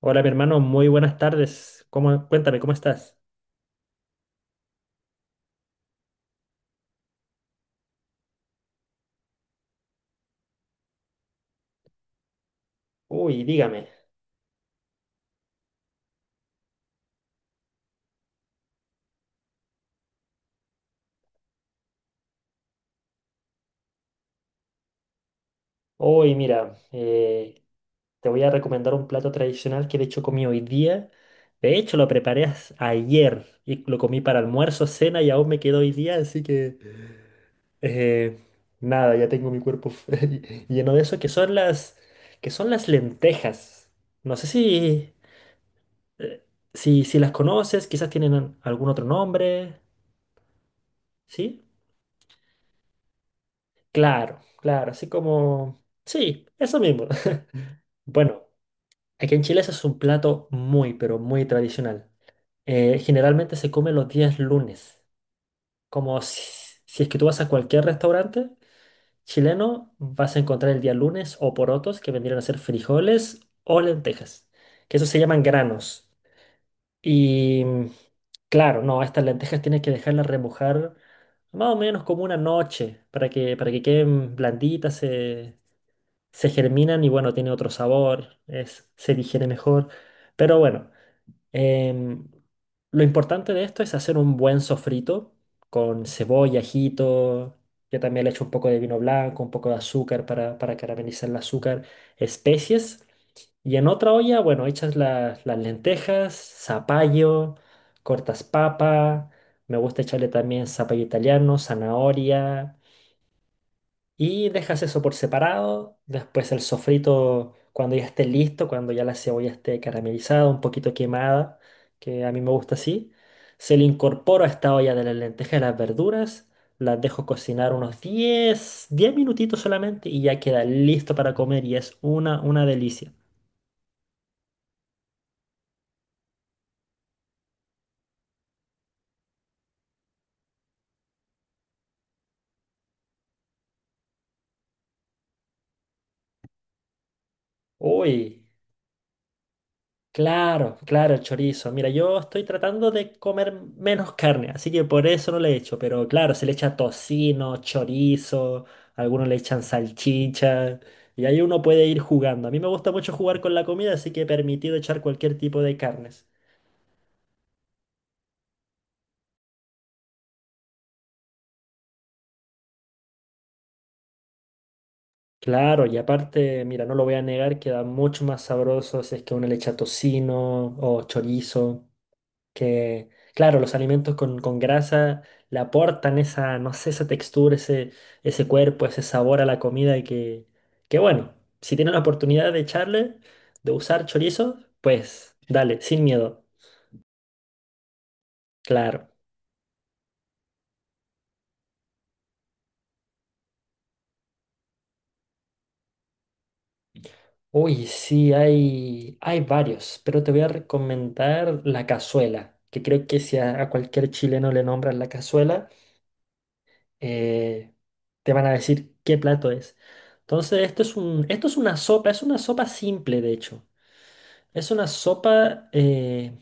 Hola, mi hermano, muy buenas tardes. Cuéntame, ¿cómo estás? Uy, dígame. Hoy, mira, te voy a recomendar un plato tradicional que de hecho comí hoy día. De hecho, lo preparé ayer y lo comí para almuerzo, cena y aún me quedó hoy día, así que eh, nada, ya tengo mi cuerpo lleno de eso, que son las lentejas. No sé eh, si las conoces, quizás tienen algún otro nombre, ¿sí? Claro, claro, así como... Sí, eso mismo. Bueno, aquí en Chile ese es un plato muy, pero muy tradicional. Generalmente se come los días lunes. Como si es que tú vas a cualquier restaurante chileno, vas a encontrar el día lunes o porotos, que vendrían a ser frijoles o lentejas, que eso se llaman granos. Y mm, claro, no, estas lentejas tienes que dejarlas remojar más o menos como una noche para que queden blanditas. Se germinan y bueno, tiene otro sabor, se digiere mejor. Pero bueno, em, lo importante de esto es hacer un buen sofrito con cebolla, ajito. Yo también le echo un poco de vino blanco, un poco de azúcar para caramelizar el azúcar, especies. Y en otra olla, bueno, las lentejas, zapallo, cortas papa. Me gusta echarle también zapallo italiano, zanahoria. Y dejas eso por separado. Después el sofrito, cuando ya esté listo, cuando ya la cebolla esté caramelizada, un poquito quemada, que a mí me gusta así, se le incorpora a esta olla de las lentejas y las verduras. Las dejo cocinar unos 10 minutitos solamente y ya queda listo para comer y es una delicia. Uy. Claro, claro, el chorizo. Mira, yo estoy tratando de comer menos carne, así que por eso no le echo. Pero claro, se le echa tocino, chorizo, algunos le echan salchicha. Y ahí uno puede ir jugando. A mí me gusta mucho jugar con la comida, así que he permitido echar cualquier tipo de carnes. Claro, y aparte, mira, no lo voy a negar, queda mucho más sabroso si es que uno le echa tocino o chorizo. que, claro, los alimentos con grasa le aportan esa, no sé, esa textura, ese cuerpo, ese sabor a la comida y que bueno, si tienen la oportunidad de echarle, de usar chorizo, pues dale, sin miedo, claro. Uy, sí, hay varios, pero te voy a recomendar la cazuela, que creo que si a cualquier chileno le nombran la cazuela, eh, te van a decir qué plato es. Entonces, esto es una sopa simple, de hecho. Es una sopa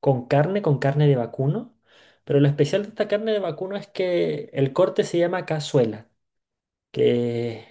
con carne de vacuno, pero lo especial de esta carne de vacuno es que el corte se llama cazuela, que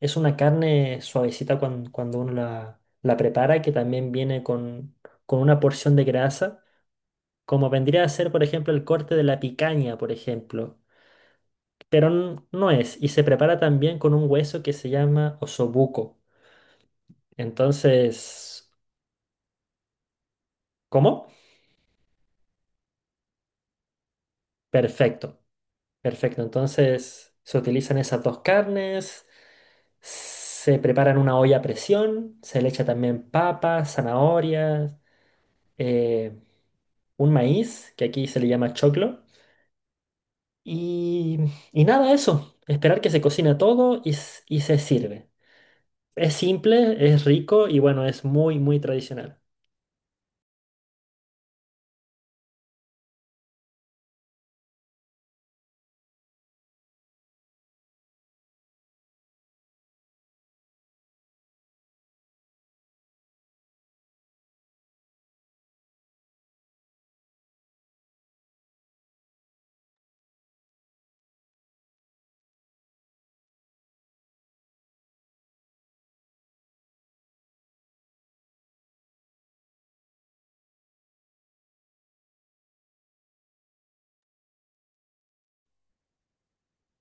es una carne suavecita cuando, uno la prepara, que también viene con una porción de grasa, como vendría a ser, por ejemplo, el corte de la picaña, por ejemplo. Pero no es. Y se prepara también con un hueso que se llama osobuco. Entonces, ¿cómo? Perfecto, perfecto. Entonces, se utilizan esas dos carnes, se prepara en una olla a presión, se le echa también papas, zanahorias, eh, un maíz, que aquí se le llama choclo. Y, y nada, eso. Esperar que se cocina todo y se sirve. Es simple, es rico y bueno, es muy, muy tradicional.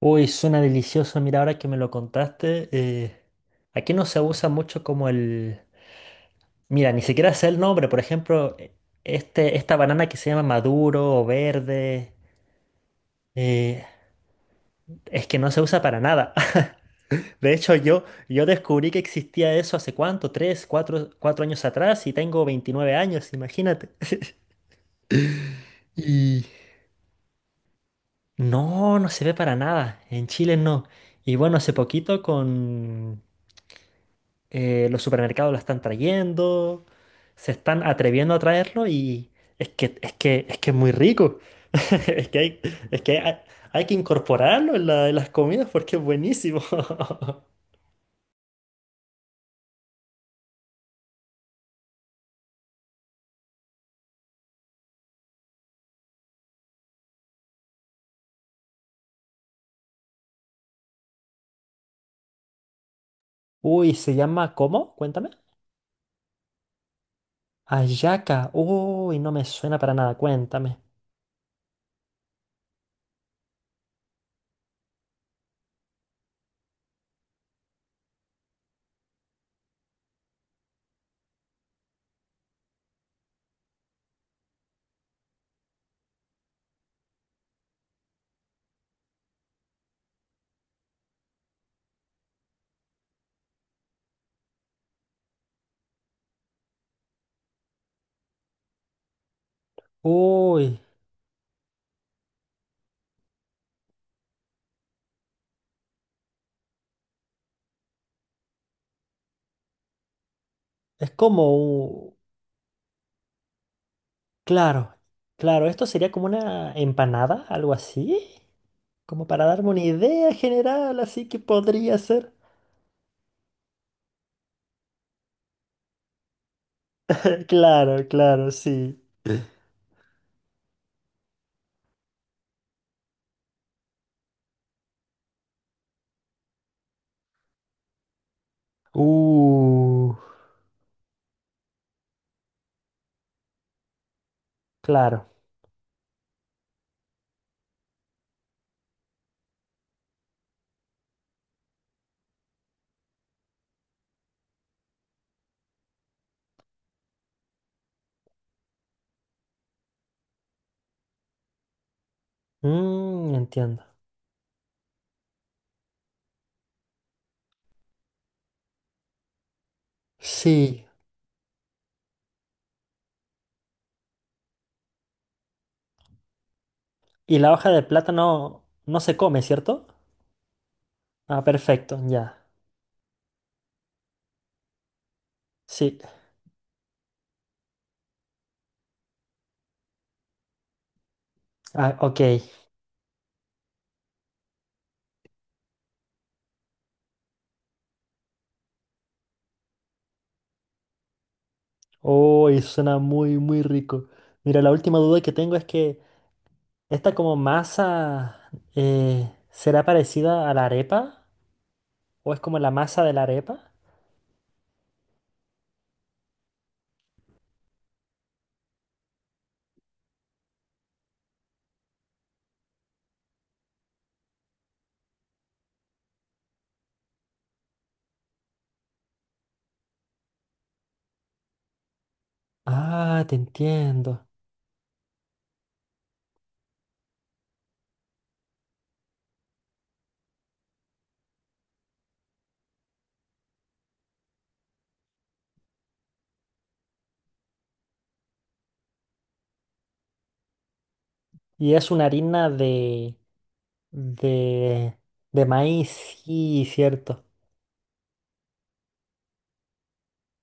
Uy, suena delicioso. Mira, ahora que me lo contaste, aquí no se usa mucho como el... Mira, ni siquiera sé el nombre. Por ejemplo, este, esta banana que se llama maduro o verde, eh, es que no se usa para nada. De hecho, yo descubrí que existía eso hace cuánto, tres, cuatro, cuatro años atrás y tengo 29 años, imagínate. Y no, no se ve para nada. En Chile no. Y bueno, hace poquito con los supermercados lo están trayendo, se están atreviendo a traerlo y es que es muy rico. Es que hay, es que hay, Hay que incorporarlo en en las comidas porque es buenísimo. Uy, ¿se llama cómo? Cuéntame. Ayaca. Uy, no me suena para nada. Cuéntame. Uy, es como un- Claro, claro, esto sería como una empanada, algo así. Como para darme una idea general, así que podría ser. Claro, claro, sí. Uh, claro. Mm, entiendo. Sí. Y la hoja de plátano no se come, ¿cierto? Ah, perfecto, ya. Sí. Ah, ok. Oh, y suena muy, muy rico. Mira, la última duda que tengo es que esta como masa ¿será parecida a la arepa? ¿O es como la masa de la arepa? Ah, te entiendo. Y es una harina de, de maíz, sí, cierto.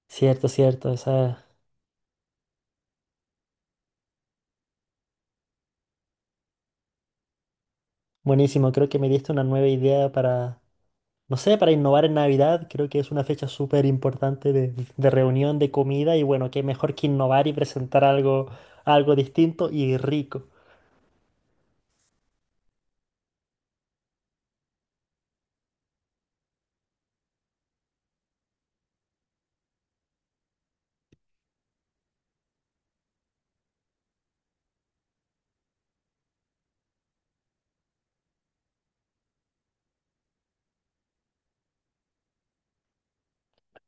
Cierto, cierto, esa buenísimo. Creo que me diste una nueva idea para, no sé, para innovar en Navidad. Creo que es una fecha súper importante de reunión, de comida y bueno, qué mejor que innovar y presentar algo, algo distinto y rico.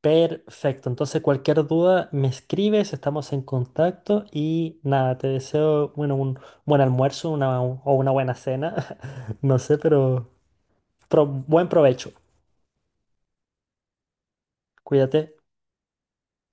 Perfecto. Entonces, cualquier duda me escribes, estamos en contacto y nada, te deseo, bueno, un buen almuerzo o una buena cena, no sé, pero buen provecho. Cuídate.